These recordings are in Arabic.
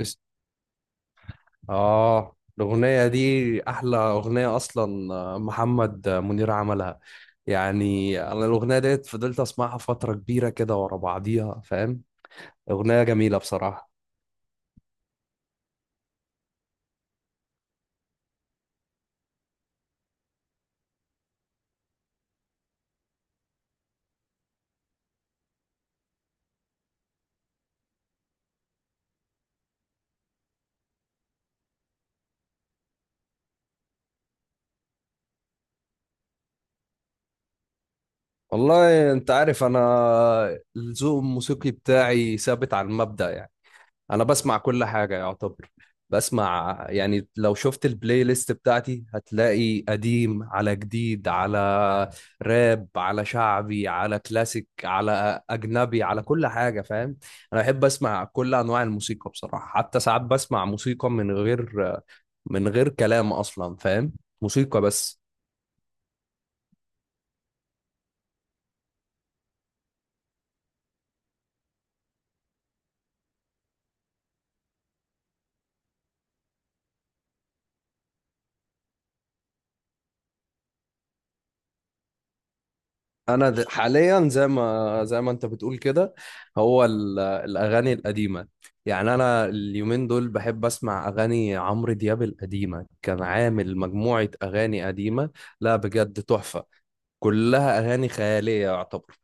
است- اه الأغنية دي أحلى أغنية أصلا، محمد منير عملها. يعني أنا الأغنية ديت فضلت أسمعها فترة كبيرة كده ورا بعضيها، فاهم؟ أغنية جميلة بصراحة. والله أنت عارف، أنا الذوق الموسيقي بتاعي ثابت على المبدأ يعني. انا بسمع كل حاجه يعتبر. بسمع يعني لو شفت البلاي ليست بتاعتي هتلاقي قديم على جديد على راب على شعبي على كلاسيك على اجنبي على كل حاجه، فاهم؟ انا بحب اسمع كل انواع الموسيقى بصراحه. حتى ساعات بسمع موسيقى من غير كلام اصلا، فاهم؟ موسيقى بس. انا حاليا زي ما انت بتقول كده، هو الاغاني القديمه. يعني انا اليومين دول بحب اسمع اغاني عمرو دياب القديمه. كان عامل مجموعه اغاني قديمه. لا بجد تحفه، كلها اغاني خياليه يعتبر.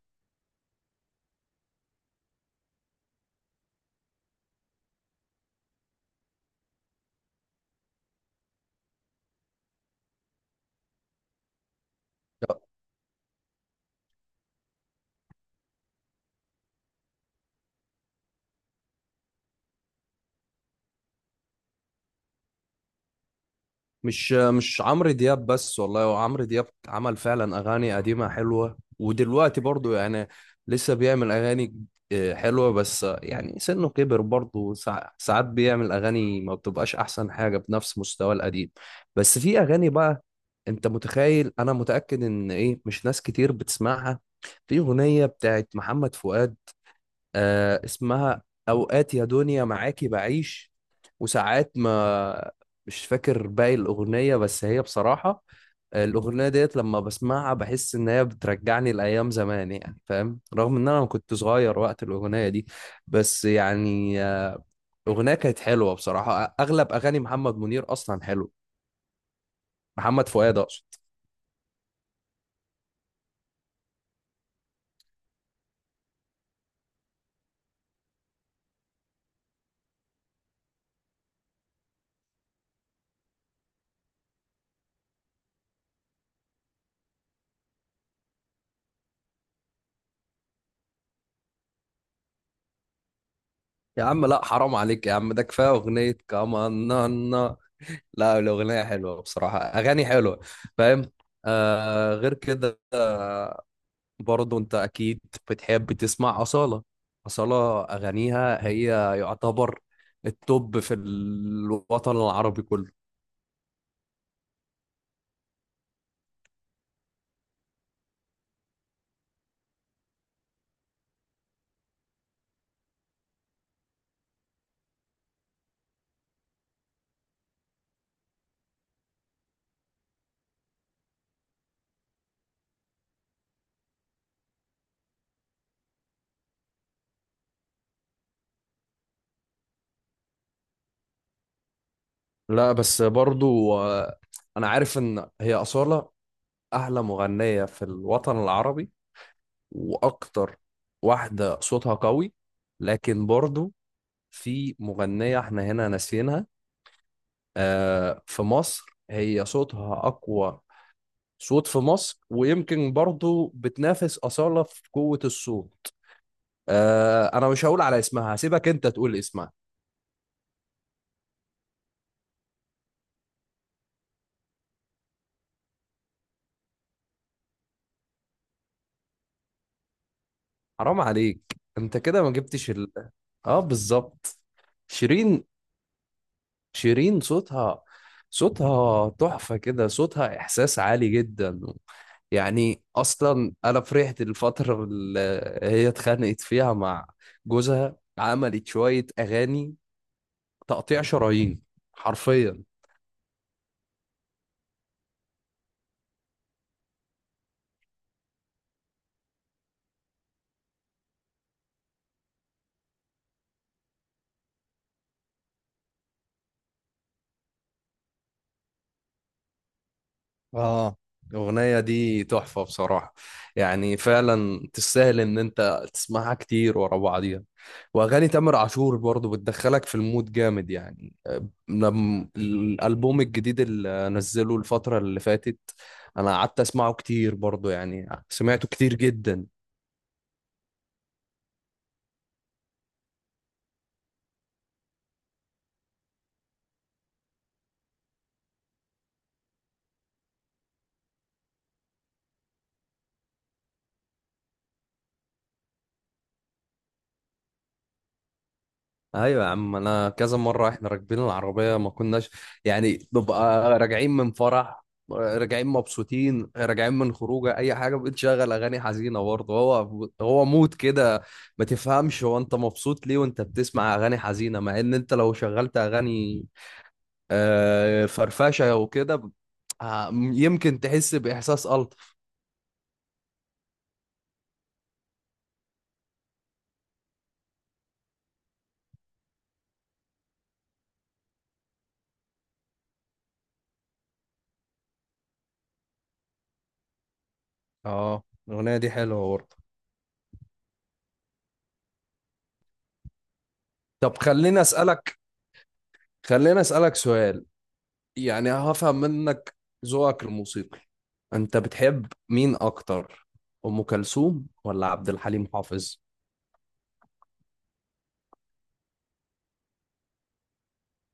مش عمرو دياب بس والله. هو عمرو دياب عمل فعلا اغاني قديمه حلوه، ودلوقتي برضو يعني لسه بيعمل اغاني حلوه. بس يعني سنه كبر برضو، ساعات بيعمل اغاني ما بتبقاش احسن حاجه بنفس مستوى القديم. بس في اغاني بقى، انت متخيل؟ انا متاكد ان ايه مش ناس كتير بتسمعها. في اغنيه بتاعت محمد فؤاد، اسمها "اوقات يا دنيا معاكي بعيش وساعات ما"، مش فاكر باقي الأغنية. بس هي بصراحة الأغنية ديت لما بسمعها بحس إن هي بترجعني لأيام زمان، يعني فاهم؟ رغم إن أنا ما كنت صغير وقت الأغنية دي، بس يعني الأغنية كانت حلوة بصراحة. أغلب أغاني محمد منير أصلا حلو، محمد فؤاد أقصد. يا عم لا، حرام عليك يا عم، ده كفاية أغنية كمان نانا. لا الأغنية حلوة بصراحة، أغاني حلوة، فاهم؟ آه، غير كده، برضه انت اكيد بتحب تسمع أصالة. أصالة أغانيها هي يعتبر التوب في الوطن العربي كله. لا بس برضه، آه، انا عارف ان هي أصالة احلى مغنية في الوطن العربي واكتر واحدة صوتها قوي. لكن برضه في مغنية احنا هنا ناسينها، في مصر. هي صوتها اقوى صوت في مصر، ويمكن برضه بتنافس أصالة في قوة الصوت. انا مش هقول على اسمها، هسيبك انت تقول اسمها. حرام عليك، انت كده ما جبتش ال... اه بالظبط، شيرين. شيرين صوتها، صوتها تحفة كده، صوتها إحساس عالي جدا. يعني أصلا أنا فرحت الفترة اللي هي اتخانقت فيها مع جوزها، عملت شوية أغاني تقطيع شرايين حرفيا. اه، الأغنية دي تحفة بصراحة. يعني فعلا تستاهل إن أنت تسمعها كتير ورا بعضيها. وأغاني تامر عاشور برضو بتدخلك في المود جامد يعني. لم الألبوم الجديد اللي نزله الفترة اللي فاتت أنا قعدت أسمعه كتير برضو، يعني سمعته كتير جدا. ايوه يا عم، انا كذا مره احنا راكبين العربيه، ما كناش، يعني ببقى راجعين من فرح، راجعين مبسوطين، راجعين من خروجه، اي حاجه بتشغل اغاني حزينه برضه. هو هو مود كده ما تفهمش، هو انت مبسوط ليه وانت بتسمع اغاني حزينه؟ مع ان انت لو شغلت اغاني فرفشه وكده يمكن تحس باحساس الطف. اه، الاغنيه دي حلوه برضه. طب خليني اسالك سؤال. يعني هفهم منك ذوقك الموسيقي، انت بتحب مين اكتر، ام كلثوم ولا عبد الحليم حافظ؟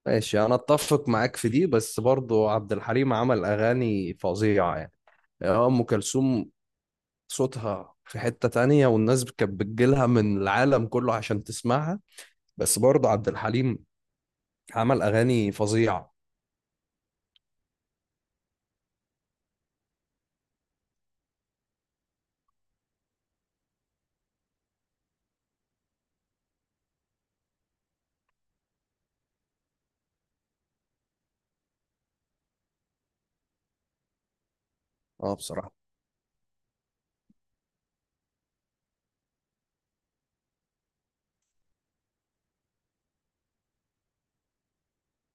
ماشي، انا اتفق معاك في دي. بس برضو عبد الحليم عمل اغاني فظيعة يعني. ام كلثوم صوتها في حتة تانية، والناس كانت بتجيلها من العالم كله عشان تسمعها. بس برضو عبد الحليم عمل اغاني فظيعة. اه بصراحة.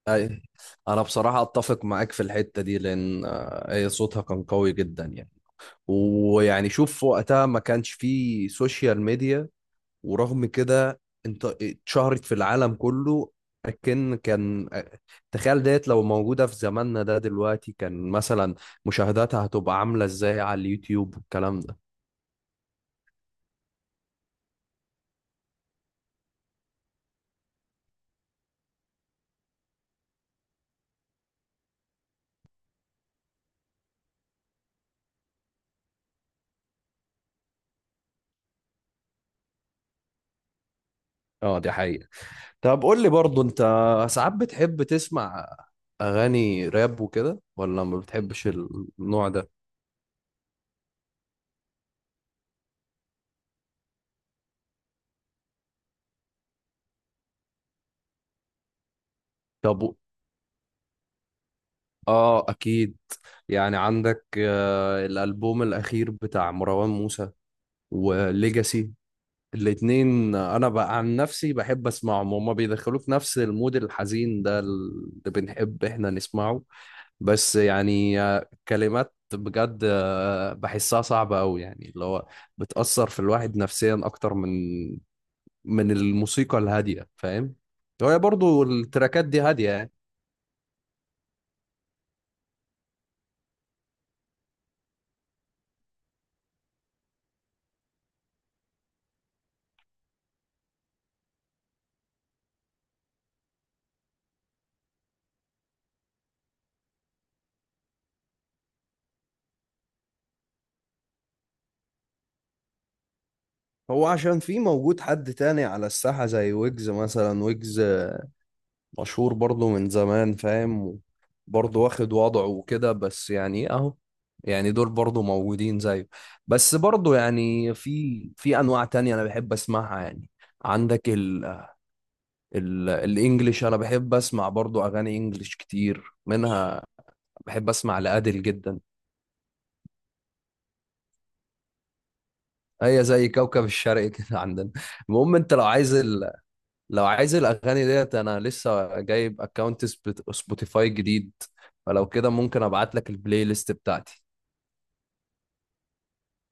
اي، انا بصراحة اتفق معاك في الحتة دي لان هي صوتها كان قوي جدا يعني. ويعني شوف، في وقتها ما كانش فيه سوشيال ميديا، ورغم كده انت اتشهرت في العالم كله. لكن كان، تخيل ديت لو موجودة في زماننا ده دلوقتي، كان مثلا مشاهداتها هتبقى عاملة ازاي على اليوتيوب والكلام ده. اه دي حقيقة. طب قول لي برضو، انت ساعات بتحب تسمع اغاني راب وكده ولا ما بتحبش النوع ده؟ طب، اه اكيد. يعني عندك الالبوم الاخير بتاع مروان موسى وليجاسي. الاتنين انا بقى عن نفسي بحب اسمعهم، هما بيدخلوك في نفس المود الحزين ده اللي بنحب احنا نسمعه. بس يعني كلمات بجد بحسها صعبة أوي، يعني اللي هو بتأثر في الواحد نفسيا أكتر من الموسيقى الهادية، فاهم؟ هي برضو التراكات دي هادية يعني. هو عشان في موجود حد تاني على الساحة زي ويجز مثلا. ويجز مشهور برضه من زمان، فاهم؟ برضه واخد وضعه وكده، بس يعني إيه اهو، يعني دول برضه موجودين زيه. بس برضه يعني في انواع تانية انا بحب اسمعها يعني. عندك ال ال الانجليش انا بحب اسمع برضه اغاني انجليش كتير منها. بحب اسمع لأديل جدا. هي زي كوكب الشرق كده عندنا. المهم انت لو عايز ال... لو عايز الاغاني ديت، انا لسه جايب اكونت سبوتيفاي جديد. فلو كده ممكن ابعت لك البلاي ليست بتاعتي.